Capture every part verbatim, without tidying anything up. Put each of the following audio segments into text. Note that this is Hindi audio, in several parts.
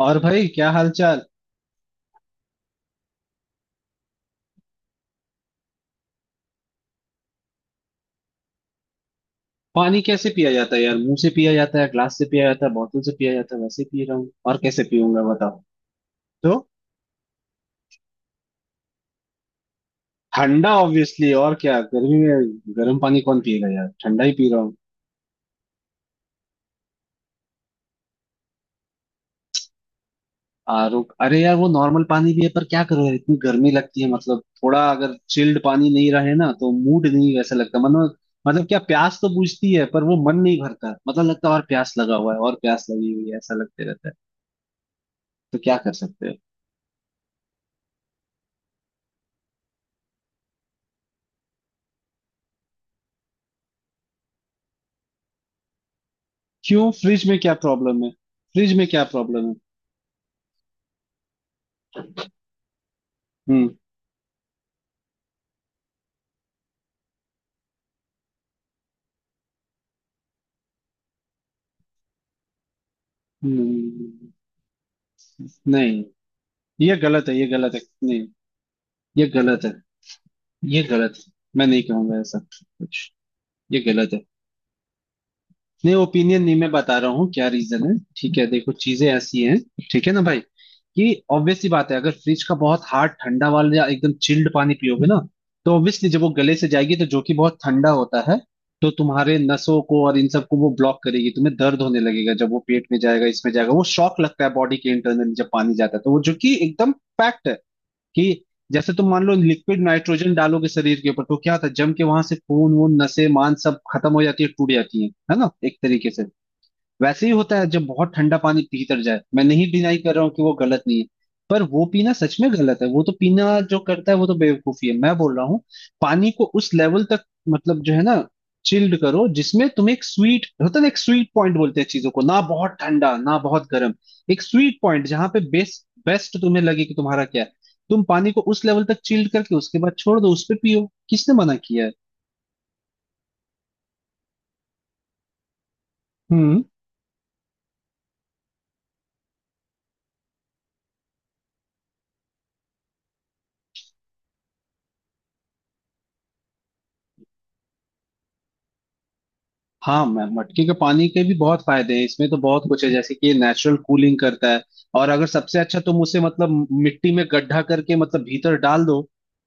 और भाई क्या हाल चाल। पानी कैसे पिया जाता है यार, मुंह से पिया जाता है, ग्लास से पिया जाता है, बोतल से पिया जाता है। वैसे पी रहा हूँ, और कैसे पीऊंगा बताओ। तो ठंडा ऑब्वियसली, और क्या गर्मी में। गर्म पानी कौन पिएगा यार, ठंडा ही पी रहा हूँ। आरो, अरे यार वो नॉर्मल पानी भी है, पर क्या करो यार इतनी गर्मी लगती है, मतलब थोड़ा अगर चिल्ड पानी नहीं रहे ना तो मूड नहीं वैसा लगता, मतलब। मतलब क्या, प्यास तो बुझती है पर वो मन नहीं भरता, मतलब लगता है और प्यास लगा हुआ है और प्यास लगी हुई है, ऐसा लगते रहता है। तो क्या कर सकते हैं। क्यों, फ्रिज में क्या प्रॉब्लम है। फ्रिज में क्या प्रॉब्लम है। हम्म हम्म, नहीं। ये गलत है ये गलत है, नहीं। ये गलत है। ये गलत है, मैं नहीं कहूंगा ऐसा कुछ। ये गलत है। नहीं ओपिनियन नहीं, मैं बता रहा हूँ क्या रीजन है। ठीक है, देखो चीजें ऐसी हैं। ठीक है ना भाई। कि ऑब्वियसली बात है, अगर फ्रिज का बहुत हार्ड ठंडा वाला या एकदम चिल्ड पानी पियोगे ना, तो ऑब्वियसली जब वो गले से जाएगी, तो जो कि बहुत ठंडा होता है, तो तुम्हारे नसों को और इन सबको वो ब्लॉक करेगी, तुम्हें दर्द होने लगेगा। जब वो पेट में जाएगा, इसमें जाएगा, वो शॉक लगता है बॉडी के इंटरनल। जब पानी जाता है तो वो जो कि एकदम फैक्ट है कि जैसे तुम मान लो लिक्विड नाइट्रोजन डालोगे शरीर के ऊपर तो क्या होता है, जम के वहां से खून वून नसें मांस सब खत्म हो जाती है, टूट जाती है है ना, एक तरीके से। वैसे ही होता है जब बहुत ठंडा पानी भीतर जाए। मैं नहीं डिनाई कर रहा हूँ कि वो गलत नहीं है, पर वो पीना सच में गलत है। वो तो पीना जो करता है वो तो बेवकूफी है, मैं बोल रहा हूँ। पानी को उस लेवल तक, मतलब जो है ना, चिल्ड करो जिसमें, तुम एक स्वीट होता है ना, एक स्वीट पॉइंट बोलते हैं चीजों को ना, बहुत ठंडा ना बहुत गर्म, एक स्वीट पॉइंट जहां पे बेस्ट बेस्ट तुम्हें लगे कि तुम्हारा क्या है। तुम पानी को उस लेवल तक चिल्ड करके उसके बाद छोड़ दो, उस पे पियो, किसने मना किया है। हम्म। हाँ मैं मटके के पानी के भी बहुत फायदे हैं इसमें, तो बहुत कुछ है जैसे कि ये नेचुरल कूलिंग करता है। और अगर सबसे अच्छा, तुम उसे मतलब मिट्टी में गड्ढा करके मतलब भीतर डाल दो,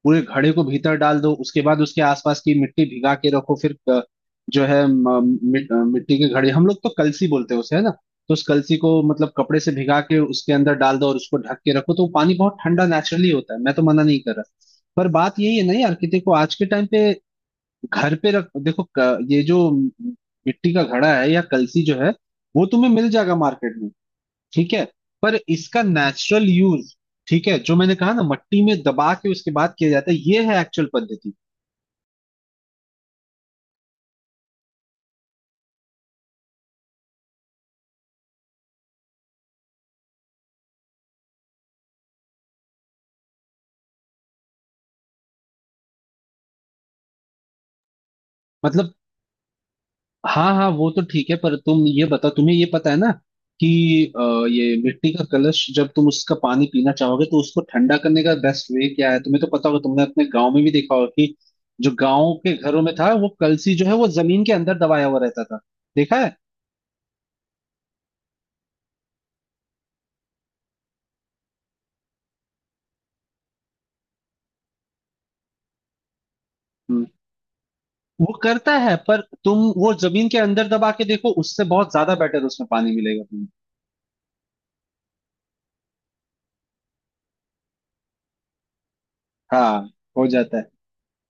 पूरे घड़े को भीतर डाल दो, उसके बाद उसके आसपास की मिट्टी भिगा के रखो। फिर अ, जो है म, मि, अ, मिट्टी के घड़े हम लोग तो कलसी बोलते हैं उसे, है ना। तो उस कलसी को मतलब कपड़े से भिगा के उसके अंदर डाल दो और उसको ढक के रखो, तो वो पानी बहुत ठंडा नेचुरली होता है, मैं तो मना नहीं कर रहा। पर बात यही है ना यार, कि देखो आज के टाइम पे घर पे रख देखो, क- ये जो मिट्टी का घड़ा है या कलसी जो है, वो तुम्हें मिल जाएगा मार्केट में। ठीक है। पर इसका नेचुरल यूज, ठीक है, जो मैंने कहा ना मट्टी में दबा के उसके बाद किया जाता है, ये है एक्चुअल पद्धति। मतलब हाँ हाँ वो तो ठीक है, पर तुम ये बताओ, तुम्हें ये पता है ना कि अ, ये मिट्टी का कलश, जब तुम उसका पानी पीना चाहोगे तो उसको ठंडा करने का बेस्ट वे क्या है, तुम्हें तो पता होगा। तुमने अपने गांव में भी देखा होगा कि जो गांव के घरों में था, वो कलसी जो है वो जमीन के अंदर दबाया हुआ रहता था। देखा है। हम्म, वो करता है, पर तुम वो जमीन के अंदर दबा के देखो, उससे बहुत ज्यादा बेटर उसमें पानी मिलेगा तुम्हें। हाँ, हो जाता है,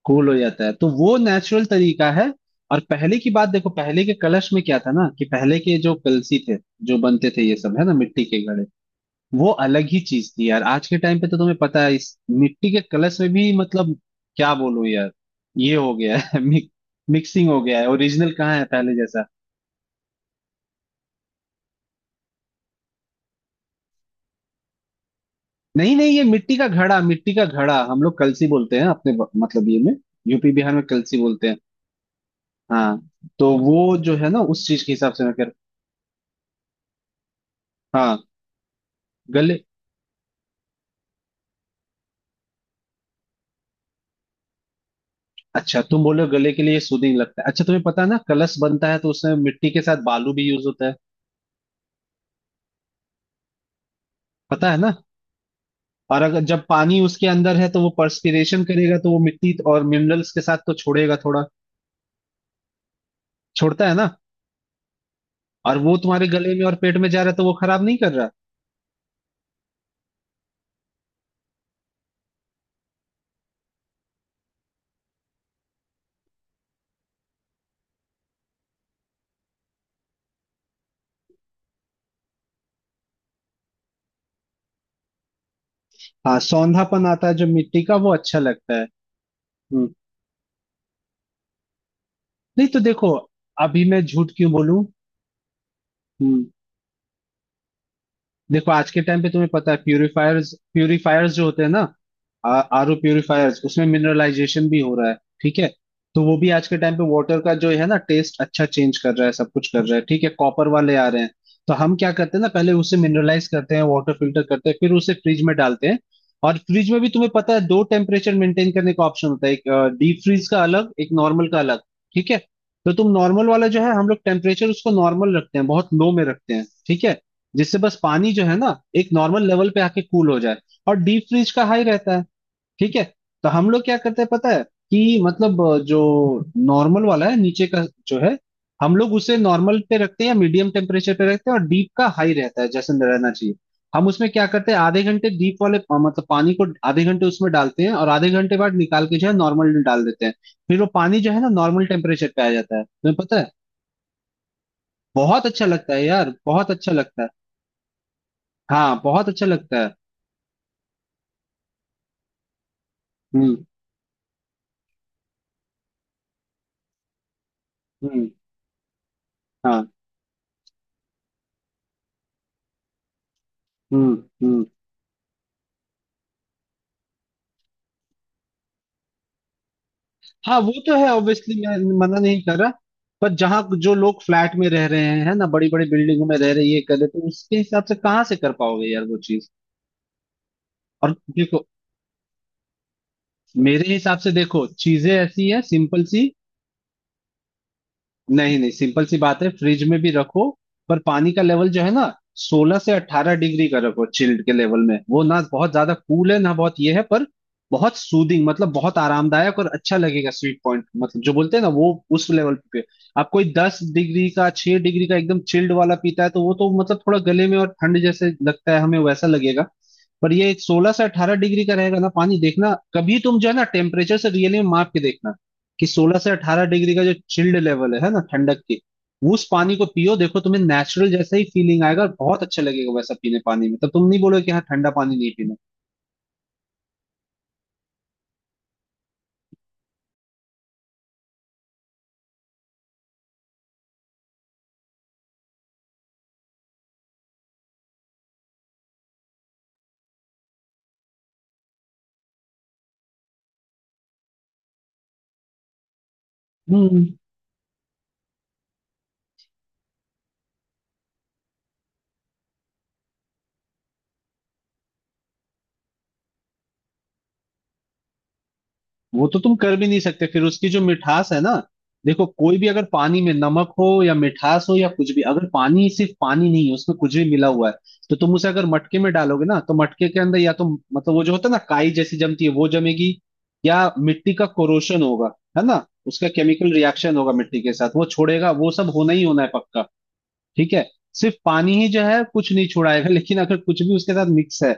कूल हो जाता है, तो वो नेचुरल तरीका है। और पहले की बात देखो, पहले के कलश में क्या था ना, कि पहले के जो कलसी थे, जो बनते थे ये सब, है ना मिट्टी के घड़े, वो अलग ही चीज थी यार। आज के टाइम पे तो तुम्हें पता है, इस मिट्टी के कलश में भी, मतलब क्या बोलूं यार, ये हो गया है मिक, मिक्सिंग हो गया है, ओरिजिनल कहाँ है पहले जैसा। नहीं नहीं, ये मिट्टी का घड़ा, मिट्टी का घड़ा हम लोग कलसी बोलते हैं, अपने ब- मतलब ये में, यूपी बिहार में कलसी बोलते हैं। हाँ, तो वो जो है ना, उस चीज के हिसाब से मैं कर। हाँ, गले, अच्छा तुम बोलो गले के लिए सूदिंग लगता है। अच्छा तुम्हें पता है ना, कलश बनता है तो उसमें मिट्टी के साथ बालू भी यूज होता है, पता है ना। और अगर जब पानी उसके अंदर है, तो वो पर्सपिरेशन करेगा, तो वो मिट्टी और मिनरल्स के साथ तो छोड़ेगा थोड़ा, छोड़ता है ना। और वो तुम्हारे गले में और पेट में जा रहा है, तो वो खराब नहीं कर रहा। हाँ सौंधापन आता है जो मिट्टी का वो अच्छा लगता है। हम्म। नहीं तो देखो, अभी मैं झूठ क्यों बोलूं। हम्म। देखो आज के टाइम पे तुम्हें पता है, प्यूरिफायर्स प्यूरिफायर्स जो होते हैं ना, आर ओ प्यूरिफायर्स, उसमें मिनरलाइजेशन भी हो रहा है, ठीक है। तो वो भी आज के टाइम पे वाटर का जो है ना टेस्ट अच्छा चेंज कर रहा है, सब कुछ कर रहा है। ठीक है, कॉपर वाले आ रहे हैं। तो हम क्या करते हैं ना, पहले उसे मिनरलाइज करते हैं, वाटर फिल्टर करते हैं, फिर उसे फ्रिज में डालते हैं। और फ्रिज में भी तुम्हें पता है, दो टेम्परेचर मेंटेन करने का ऑप्शन होता है, एक डीप फ्रीज का अलग, एक नॉर्मल का अलग। ठीक है। तो तुम नॉर्मल वाला जो है, हम लोग टेम्परेचर उसको नॉर्मल रखते हैं, बहुत लो में रखते हैं, ठीक है। जिससे बस पानी जो है ना, एक नॉर्मल लेवल पे आके कूल हो जाए। और डीप फ्रीज का हाई रहता है, ठीक है। तो हम लोग क्या करते हैं पता है, कि मतलब अ, जो नॉर्मल वाला है नीचे का जो है, हम लोग उसे नॉर्मल पे रखते हैं या मीडियम टेम्परेचर पे रखते हैं, और डीप का हाई रहता है जैसे रहना चाहिए। हम उसमें क्या करते हैं, आधे घंटे डीप वाले अ, मतलब पानी को आधे घंटे उसमें डालते हैं, और आधे घंटे बाद निकाल के जो है नॉर्मल में डाल देते हैं। फिर वो पानी जो है ना नॉर्मल टेम्परेचर पे आ जाता है, तुम्हें पता है बहुत अच्छा लगता है यार, बहुत अच्छा लगता है। हाँ बहुत अच्छा लगता है। हम्म हम्म। हाँ। हम्म हम्म। हाँ वो तो है ऑब्वियसली, मैं मना नहीं कर रहा। पर जहाँ जो लोग फ्लैट में रह रहे हैं है ना, बड़ी बड़ी बिल्डिंगों में रह रहे, ये कर रहे, तो उसके हिसाब से कहाँ से कर पाओगे यार वो चीज। और देखो, मेरे हिसाब से देखो चीजें ऐसी है सिंपल सी। नहीं नहीं, सिंपल सी बात है, फ्रिज में भी रखो, पर पानी का लेवल जो है ना, सोलह से अट्ठारह डिग्री का रखो, चिल्ड के लेवल में, वो ना बहुत ज्यादा कूल है ना बहुत ये है, पर बहुत सूदिंग, मतलब बहुत आरामदायक और अच्छा लगेगा। स्वीट पॉइंट मतलब जो बोलते हैं ना वो, उस लेवल पे। आप कोई दस डिग्री का, छह डिग्री का एकदम चिल्ड वाला पीता है, तो वो तो मतलब थोड़ा गले में, और ठंड जैसे लगता है हमें वैसा लगेगा। पर ये सोलह से अट्ठारह डिग्री का रहेगा ना पानी, देखना कभी तुम जो है ना टेम्परेचर से रियली में माप के देखना, कि सोलह से अट्ठारह डिग्री का जो चिल्ड लेवल है ना ठंडक की, उस पानी को पियो देखो, तुम्हें नेचुरल जैसा ही फीलिंग आएगा और बहुत अच्छा लगेगा वैसा पीने पानी में। तब तुम नहीं बोलोगे कि हाँ ठंडा पानी नहीं पीना। हम्म। वो तो तुम कर भी नहीं सकते, फिर उसकी जो मिठास है ना। देखो कोई भी अगर पानी में नमक हो या मिठास हो या कुछ भी, अगर पानी सिर्फ पानी नहीं है, उसमें कुछ भी मिला हुआ है, तो तुम उसे अगर मटके में डालोगे ना, तो मटके के अंदर या तो, मतलब वो जो होता है ना काई जैसी जमती है वो जमेगी, या मिट्टी का कोरोशन होगा, है ना, उसका केमिकल रिएक्शन होगा मिट्टी के साथ, वो छोड़ेगा, वो सब होना ही होना है पक्का। ठीक है। सिर्फ पानी ही जो है कुछ नहीं छुड़ाएगा, लेकिन अगर कुछ भी उसके साथ मिक्स है,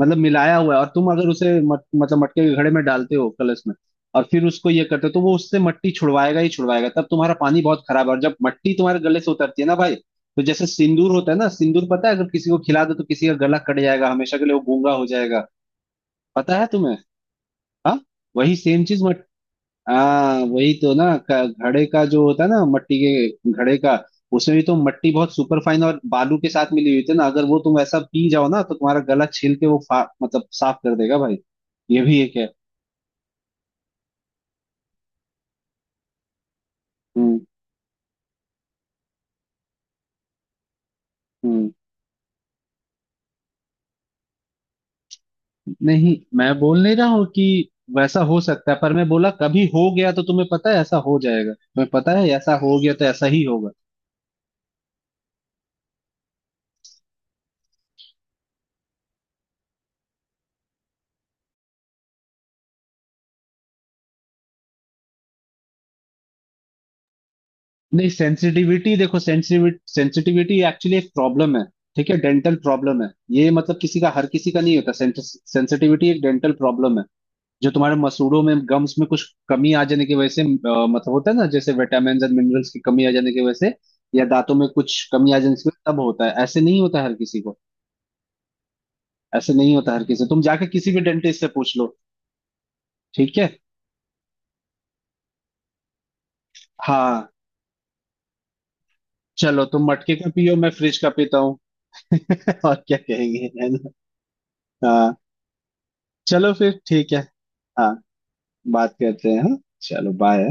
मतलब मिलाया हुआ है, और तुम अगर उसे मट, मतलब मटके के घड़े में डालते हो, कलश में, और फिर उसको ये करते हो, तो वो उससे मट्टी छुड़वाएगा ही छुड़वाएगा, तब तुम्हारा पानी बहुत खराब है। और जब मट्टी तुम्हारे गले से उतरती है ना भाई, तो जैसे सिंदूर होता है ना, सिंदूर पता है, अगर किसी को खिला दो तो किसी का गला कट जाएगा, हमेशा के लिए वो गूंगा हो जाएगा, पता है तुम्हें। हाँ वही सेम चीज। हाँ वही तो ना। क- घड़े का जो होता है ना, मट्टी के घड़े का, उसमें भी तो मट्टी बहुत सुपर फाइन और बालू के साथ मिली हुई थी ना, अगर वो तुम ऐसा पी जाओ ना, तो तुम्हारा गला छील के वो फा- मतलब साफ कर देगा भाई। ये भी एक है। हम्म हम्म। नहीं मैं बोल नहीं रहा हूँ कि वैसा हो सकता है, पर मैं बोला, कभी हो गया तो, तुम्हें पता है ऐसा हो जाएगा, तुम्हें पता है ऐसा हो गया तो ऐसा ही होगा। नहीं सेंसिटिविटी देखो, सेंसिटिविटी सेंसिटिविटी एक्चुअली एक प्रॉब्लम है, ठीक है, डेंटल प्रॉब्लम है। ये मतलब किसी का, हर किसी का नहीं होता, सेंसिटिविटी एक डेंटल प्रॉब्लम है, जो तुम्हारे मसूड़ों में, गम्स में कुछ कमी आ जाने की वजह से अ, मतलब होता है ना, जैसे विटामिन और मिनरल्स की कमी आ जाने की वजह से, या दांतों में कुछ कमी आ जाने की वजह से तब होता है। ऐसे नहीं होता हर किसी को, ऐसे नहीं होता हर किसी, तुम जाके किसी भी डेंटिस्ट से पूछ लो। ठीक है। हाँ, चलो तुम मटके का पियो, मैं फ्रिज का पीता हूँ। और क्या कहेंगे, है ना। हाँ। चलो फिर ठीक है। हाँ बात करते हैं, हाँ। चलो बाय।